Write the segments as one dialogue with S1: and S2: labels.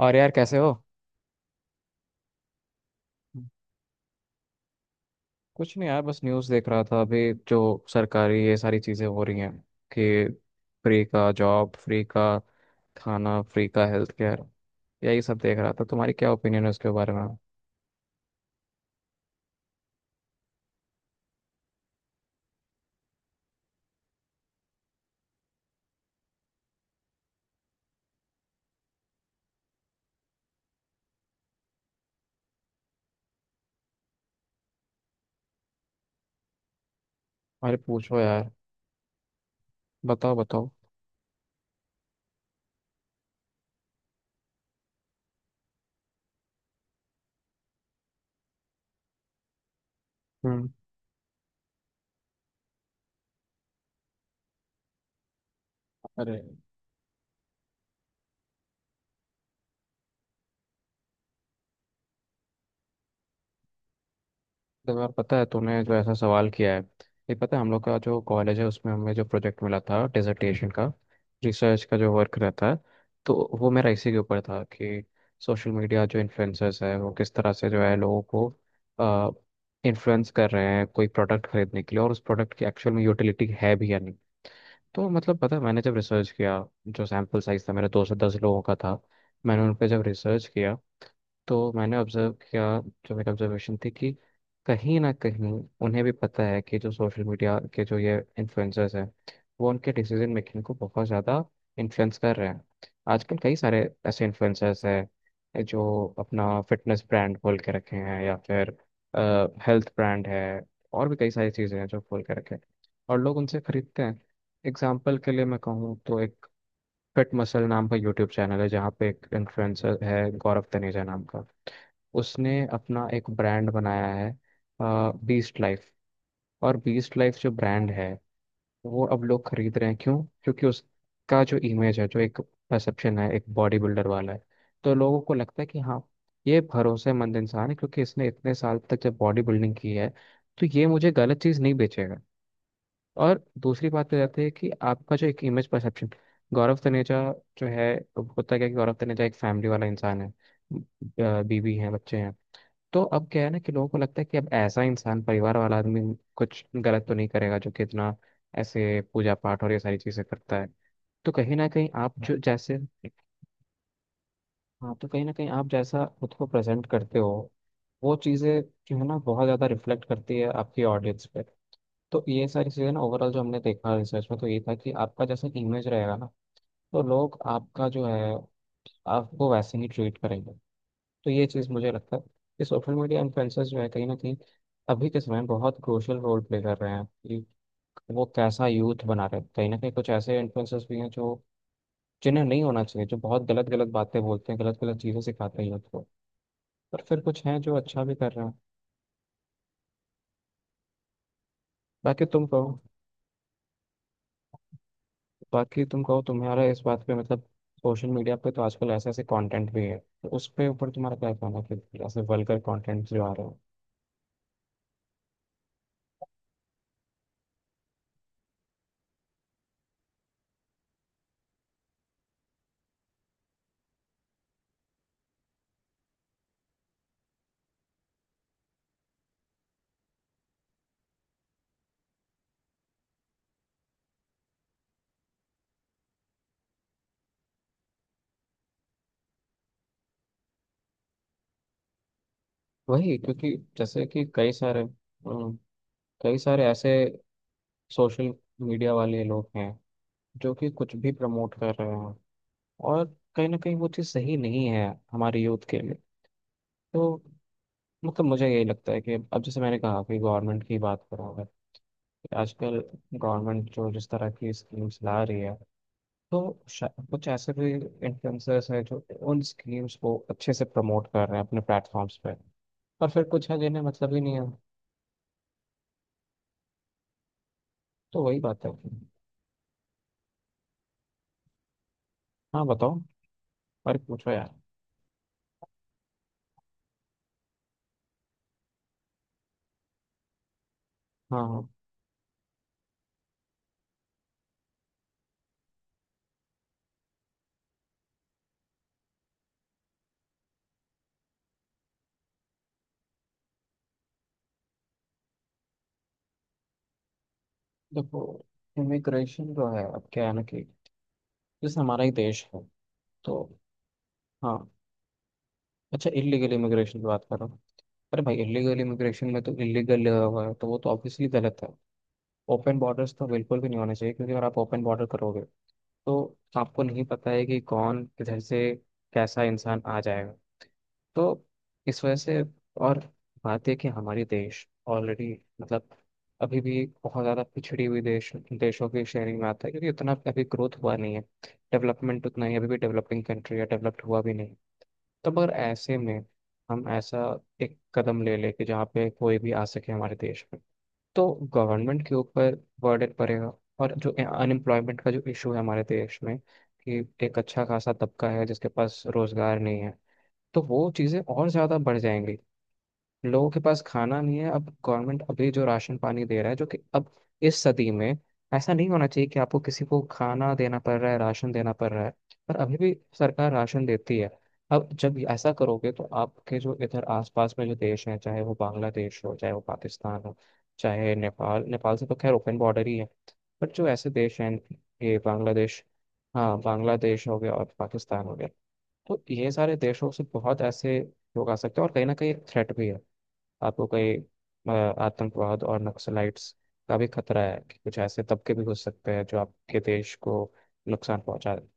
S1: और यार कैसे हो। कुछ नहीं यार, बस न्यूज़ देख रहा था अभी, जो सरकारी ये सारी चीज़ें हो रही हैं कि फ्री का जॉब, फ्री का खाना, फ्री का हेल्थ केयर। यही सब देख रहा था। तुम्हारी क्या ओपिनियन है उसके बारे में? अरे पूछो यार। बताओ बताओ। हम्म। अरे इस बार पता है तूने जो ऐसा सवाल किया है, ये पता है हम लोग का जो कॉलेज है उसमें हमें जो प्रोजेक्ट मिला था डिसर्टेशन का, रिसर्च का जो वर्क रहता है, तो वो मेरा इसी के ऊपर था कि सोशल मीडिया जो इन्फ्लुएंसर्स है वो किस तरह से जो है लोगों को इन्फ्लुएंस कर रहे हैं कोई प्रोडक्ट खरीदने के लिए, और उस प्रोडक्ट की एक्चुअल में यूटिलिटी है भी या नहीं। तो मतलब पता है मैंने जब रिसर्च किया, जो सैम्पल साइज था मेरा 210 लोगों का था, मैंने उन पर जब रिसर्च किया तो मैंने ऑब्जर्व किया। जो मेरी ऑब्जर्वेशन थी कि कहीं ना कहीं उन्हें भी पता है कि जो सोशल मीडिया के जो ये इन्फ्लुएंसर्स हैं वो उनके डिसीजन मेकिंग को बहुत ज़्यादा इन्फ्लुएंस कर रहे हैं। आजकल कई सारे ऐसे इन्फ्लुएंसर्स हैं जो अपना फिटनेस ब्रांड खोल के रखे हैं या फिर हेल्थ ब्रांड है, और भी कई सारी चीज़ें हैं जो खोल के रखे हैं, और लोग उनसे खरीदते हैं। एग्जाम्पल के लिए मैं कहूँ तो एक फिट मसल नाम का यूट्यूब चैनल है जहाँ पे एक इन्फ्लुएंसर है गौरव तनेजा नाम का, उसने अपना एक ब्रांड बनाया है, बीस्ट लाइफ। और बीस्ट लाइफ जो ब्रांड है वो अब लोग खरीद रहे हैं, क्यों? क्योंकि उसका जो इमेज है, जो एक परसेप्शन है, एक बॉडी बिल्डर वाला है। तो लोगों को लगता है कि हाँ, ये भरोसेमंद इंसान है क्योंकि इसने इतने साल तक जब बॉडी बिल्डिंग की है तो ये मुझे गलत चीज़ नहीं बेचेगा। और दूसरी बात पे जाती है कि आपका जो एक इमेज परसेप्शन, गौरव तनेजा जो है, होता क्या है कि गौरव तनेजा एक फैमिली वाला इंसान है, बीवी है बच्चे हैं। तो अब क्या है ना कि लोगों को लगता है कि अब ऐसा इंसान, परिवार वाला आदमी, कुछ गलत तो नहीं करेगा, जो कि इतना ऐसे पूजा पाठ और ये सारी चीजें करता है। तो कहीं ना कहीं आप जो जैसे हाँ, तो कहीं ना कहीं आप जैसा खुद को प्रेजेंट करते हो वो चीजें जो है ना बहुत ज्यादा रिफ्लेक्ट करती है आपकी ऑडियंस पे। तो ये सारी चीजें ना ओवरऑल जो हमने देखा रिसर्च में तो ये था कि आपका जैसा इमेज रहेगा ना, तो लोग आपका जो है, आपको वैसे ही ट्रीट करेंगे। तो ये चीज़ मुझे लगता है कि सोशल मीडिया इन्फ्लुएंसर्स जो है कहीं ना कहीं अभी के समय में बहुत क्रूशल रोल प्ले कर रहे हैं कि वो कैसा यूथ बना रहे हैं। कहीं ना कहीं कुछ ऐसे इन्फ्लुएंसर्स भी हैं जो, जिन्हें नहीं होना चाहिए, जो बहुत गलत गलत बातें बोलते हैं, गलत गलत चीज़ें सिखाते हैं यूथ को, पर फिर कुछ हैं जो अच्छा भी कर रहे हैं। बाकी तुम कहो। बाकी तुम कहो तुम्हारा इस बात पे मतलब, सोशल मीडिया पे तो आजकल ऐसे ऐसे कंटेंट भी है, तो उस पे ऊपर तुम्हारा क्या कहना है कि ऐसे वल्गर कंटेंट जो आ रहे हैं? वही क्योंकि जैसे कि कई सारे कई सारे ऐसे सोशल मीडिया वाले लोग हैं जो कि कुछ भी प्रमोट कर रहे हैं, और कहीं ना कहीं वो चीज़ सही नहीं है हमारे यूथ के लिए। तो मतलब मुझे यही लगता है कि अब जैसे मैंने कहा कि गवर्नमेंट की बात करूँ अगर, कि आजकल गवर्नमेंट जो जिस तरह की स्कीम्स ला रही है तो कुछ ऐसे भी इन्फ्लुएंसर्स हैं जो उन स्कीम्स को अच्छे से प्रमोट कर रहे हैं अपने प्लेटफॉर्म्स पे, और फिर कुछ है जिन्हें मतलब ही नहीं है। तो वही बात है। हाँ बताओ, और पूछो यार। हाँ हाँ। देखो इमिग्रेशन जो है अब क्या है ना कि जैसे हमारा ही देश है, तो हाँ। अच्छा इलीगल इमिग्रेशन की बात कर रहा हूँ। अरे भाई इलीगल इमिग्रेशन में तो इलीगल लगा हुआ है तो वो तो ऑब्वियसली गलत है। ओपन बॉर्डर्स तो बिल्कुल भी नहीं होने चाहिए क्योंकि अगर आप ओपन बॉर्डर करोगे तो आपको नहीं पता है कि कौन किधर से कैसा इंसान आ जाएगा। तो इस वजह से, और बात है कि हमारे देश ऑलरेडी मतलब अभी भी बहुत ज़्यादा पिछड़ी हुई देश, देशों की श्रेणी में आता है क्योंकि उतना अभी ग्रोथ हुआ नहीं है, डेवलपमेंट उतना ही, अभी भी डेवलपिंग कंट्री है डेवलप्ड हुआ भी नहीं। तो मगर ऐसे में हम ऐसा एक कदम ले ले कि जहाँ पे कोई भी आ सके हमारे देश में तो गवर्नमेंट के ऊपर बर्डन पड़ेगा। और जो अनएम्प्लॉयमेंट का जो इशू है हमारे देश में कि एक अच्छा खासा तबका है जिसके पास रोजगार नहीं है, तो वो चीज़ें और ज़्यादा बढ़ जाएंगी। लोगों के पास खाना नहीं है, अब गवर्नमेंट अभी जो राशन पानी दे रहा है, जो कि अब इस सदी में ऐसा नहीं होना चाहिए कि आपको किसी को खाना देना पड़ रहा है, राशन देना पड़ रहा है, पर अभी भी सरकार राशन देती है। अब जब ऐसा करोगे तो आपके जो इधर आसपास में जो देश हैं, चाहे वो बांग्लादेश हो चाहे वो पाकिस्तान हो, चाहे नेपाल, नेपाल से तो खैर ओपन बॉर्डर ही है, पर जो ऐसे देश हैं, ये बांग्लादेश, हाँ बांग्लादेश हो गया और पाकिस्तान हो गया, तो ये सारे देशों से बहुत ऐसे लोग आ सकते हैं, और कहीं ना कहीं थ्रेट भी है आपको कहीं, अ, आतंकवाद और नक्सलाइट्स का भी खतरा है कि कुछ ऐसे तबके भी घुस सकते हैं जो आपके देश को नुकसान पहुंचा दें।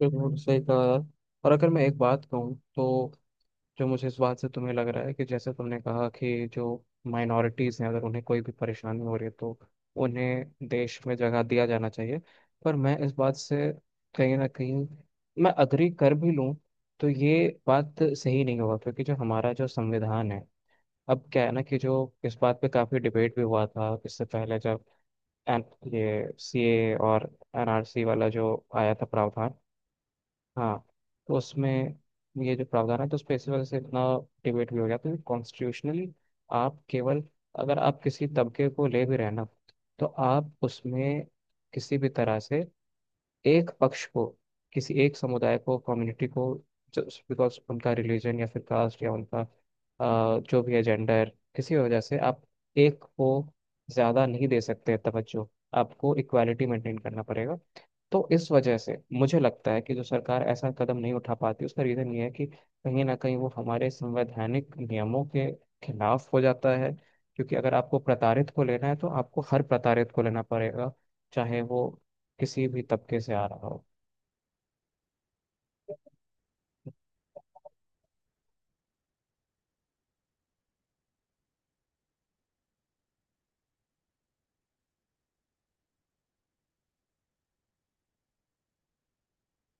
S1: बिल्कुल सही कहा यार। और अगर मैं एक बात कहूँ तो, जो मुझे इस बात से तुम्हें लग रहा है कि जैसे तुमने कहा कि जो माइनॉरिटीज़ हैं अगर उन्हें कोई भी परेशानी हो रही है तो उन्हें देश में जगह दिया जाना चाहिए, पर मैं इस बात से कहीं ना कहीं मैं अग्री कर भी लूँ, तो ये बात सही नहीं होगा क्योंकि जो हमारा जो संविधान है अब क्या है ना, कि जो इस बात पे काफ़ी डिबेट भी हुआ था इससे पहले जब एन, ये सीए और एनआरसी वाला जो आया था प्रावधान, हाँ। तो उसमें ये जो प्रावधान है तो उसपे इसी वजह से इतना डिबेट भी हो गया, तो कॉन्स्टिट्यूशनली आप केवल, अगर आप किसी तबके को ले भी रहे हैं ना तो आप उसमें किसी भी तरह से एक पक्ष को, किसी एक समुदाय को, कम्युनिटी को, जस्ट बिकॉज उनका रिलीजन या फिर कास्ट या उनका जो भी है जेंडर, किसी वजह से आप एक को ज़्यादा नहीं दे सकते तवज्जो, आपको इक्वालिटी मेंटेन करना पड़ेगा। तो इस वजह से मुझे लगता है कि जो सरकार ऐसा कदम नहीं उठा पाती उसका रीजन ये है कि कहीं ना कहीं वो हमारे संवैधानिक नियमों के खिलाफ हो जाता है, क्योंकि अगर आपको प्रताड़ित को लेना है तो आपको हर प्रताड़ित को लेना पड़ेगा, चाहे वो किसी भी तबके से आ रहा हो।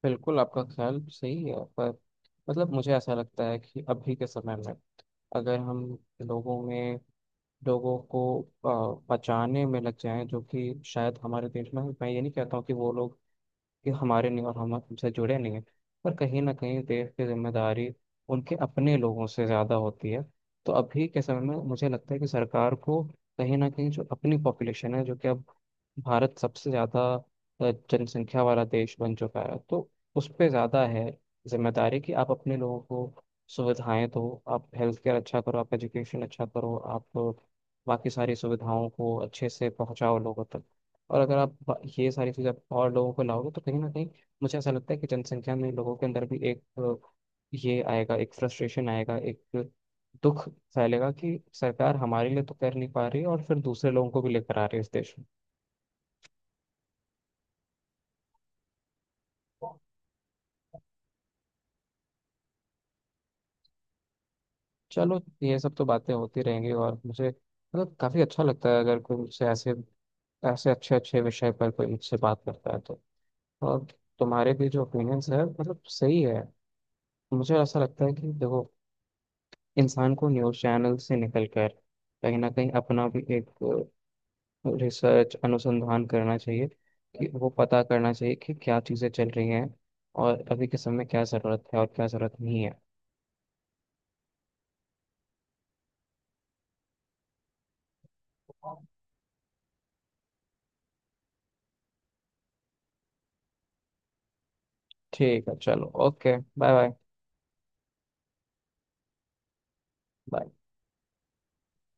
S1: बिल्कुल आपका ख्याल सही है, पर मतलब मुझे ऐसा लगता है कि अभी के समय में अगर हम लोगों में, लोगों को बचाने में लग जाएं, जो कि शायद हमारे देश में, मैं ये नहीं कहता हूँ कि वो लोग कि हमारे नहीं और हम हमसे जुड़े नहीं हैं, पर कहीं ना कहीं देश की जिम्मेदारी उनके अपने लोगों से ज़्यादा होती है। तो अभी के समय में मुझे लगता है कि सरकार को कहीं ना कहीं, जो अपनी पॉपुलेशन है जो कि अब भारत सबसे ज़्यादा जनसंख्या वाला देश बन चुका है, तो उस पर ज़्यादा है जिम्मेदारी कि आप अपने लोगों को सुविधाएं दो, आप हेल्थ केयर अच्छा करो, आप एजुकेशन अच्छा करो, आप बाकी सारी सुविधाओं को अच्छे से पहुंचाओ लोगों तक। और अगर आप ये सारी चीज़ आप और लोगों को लाओगे तो कहीं ना कहीं मुझे ऐसा लगता है कि जनसंख्या में, लोगों के अंदर भी एक ये आएगा, एक फ्रस्ट्रेशन आएगा, एक दुख फैलेगा कि सरकार हमारे लिए तो कर नहीं पा रही और फिर दूसरे लोगों को भी लेकर आ रही है इस देश में। चलो ये सब तो बातें होती रहेंगी, और मुझे मतलब काफ़ी अच्छा लगता है अगर कोई मुझसे ऐसे ऐसे अच्छे अच्छे विषय पर कोई मुझसे बात करता है तो, और तुम्हारे भी जो ओपिनियंस है मतलब सही है। मुझे ऐसा लगता है कि देखो इंसान को न्यूज़ चैनल से निकल कर कहीं ना कहीं अपना भी एक रिसर्च अनुसंधान करना चाहिए, कि वो पता करना चाहिए कि क्या चीज़ें चल रही हैं और अभी के समय में क्या ज़रूरत है और क्या ज़रूरत नहीं है। ठीक है, चलो ओके, बाय। बाय।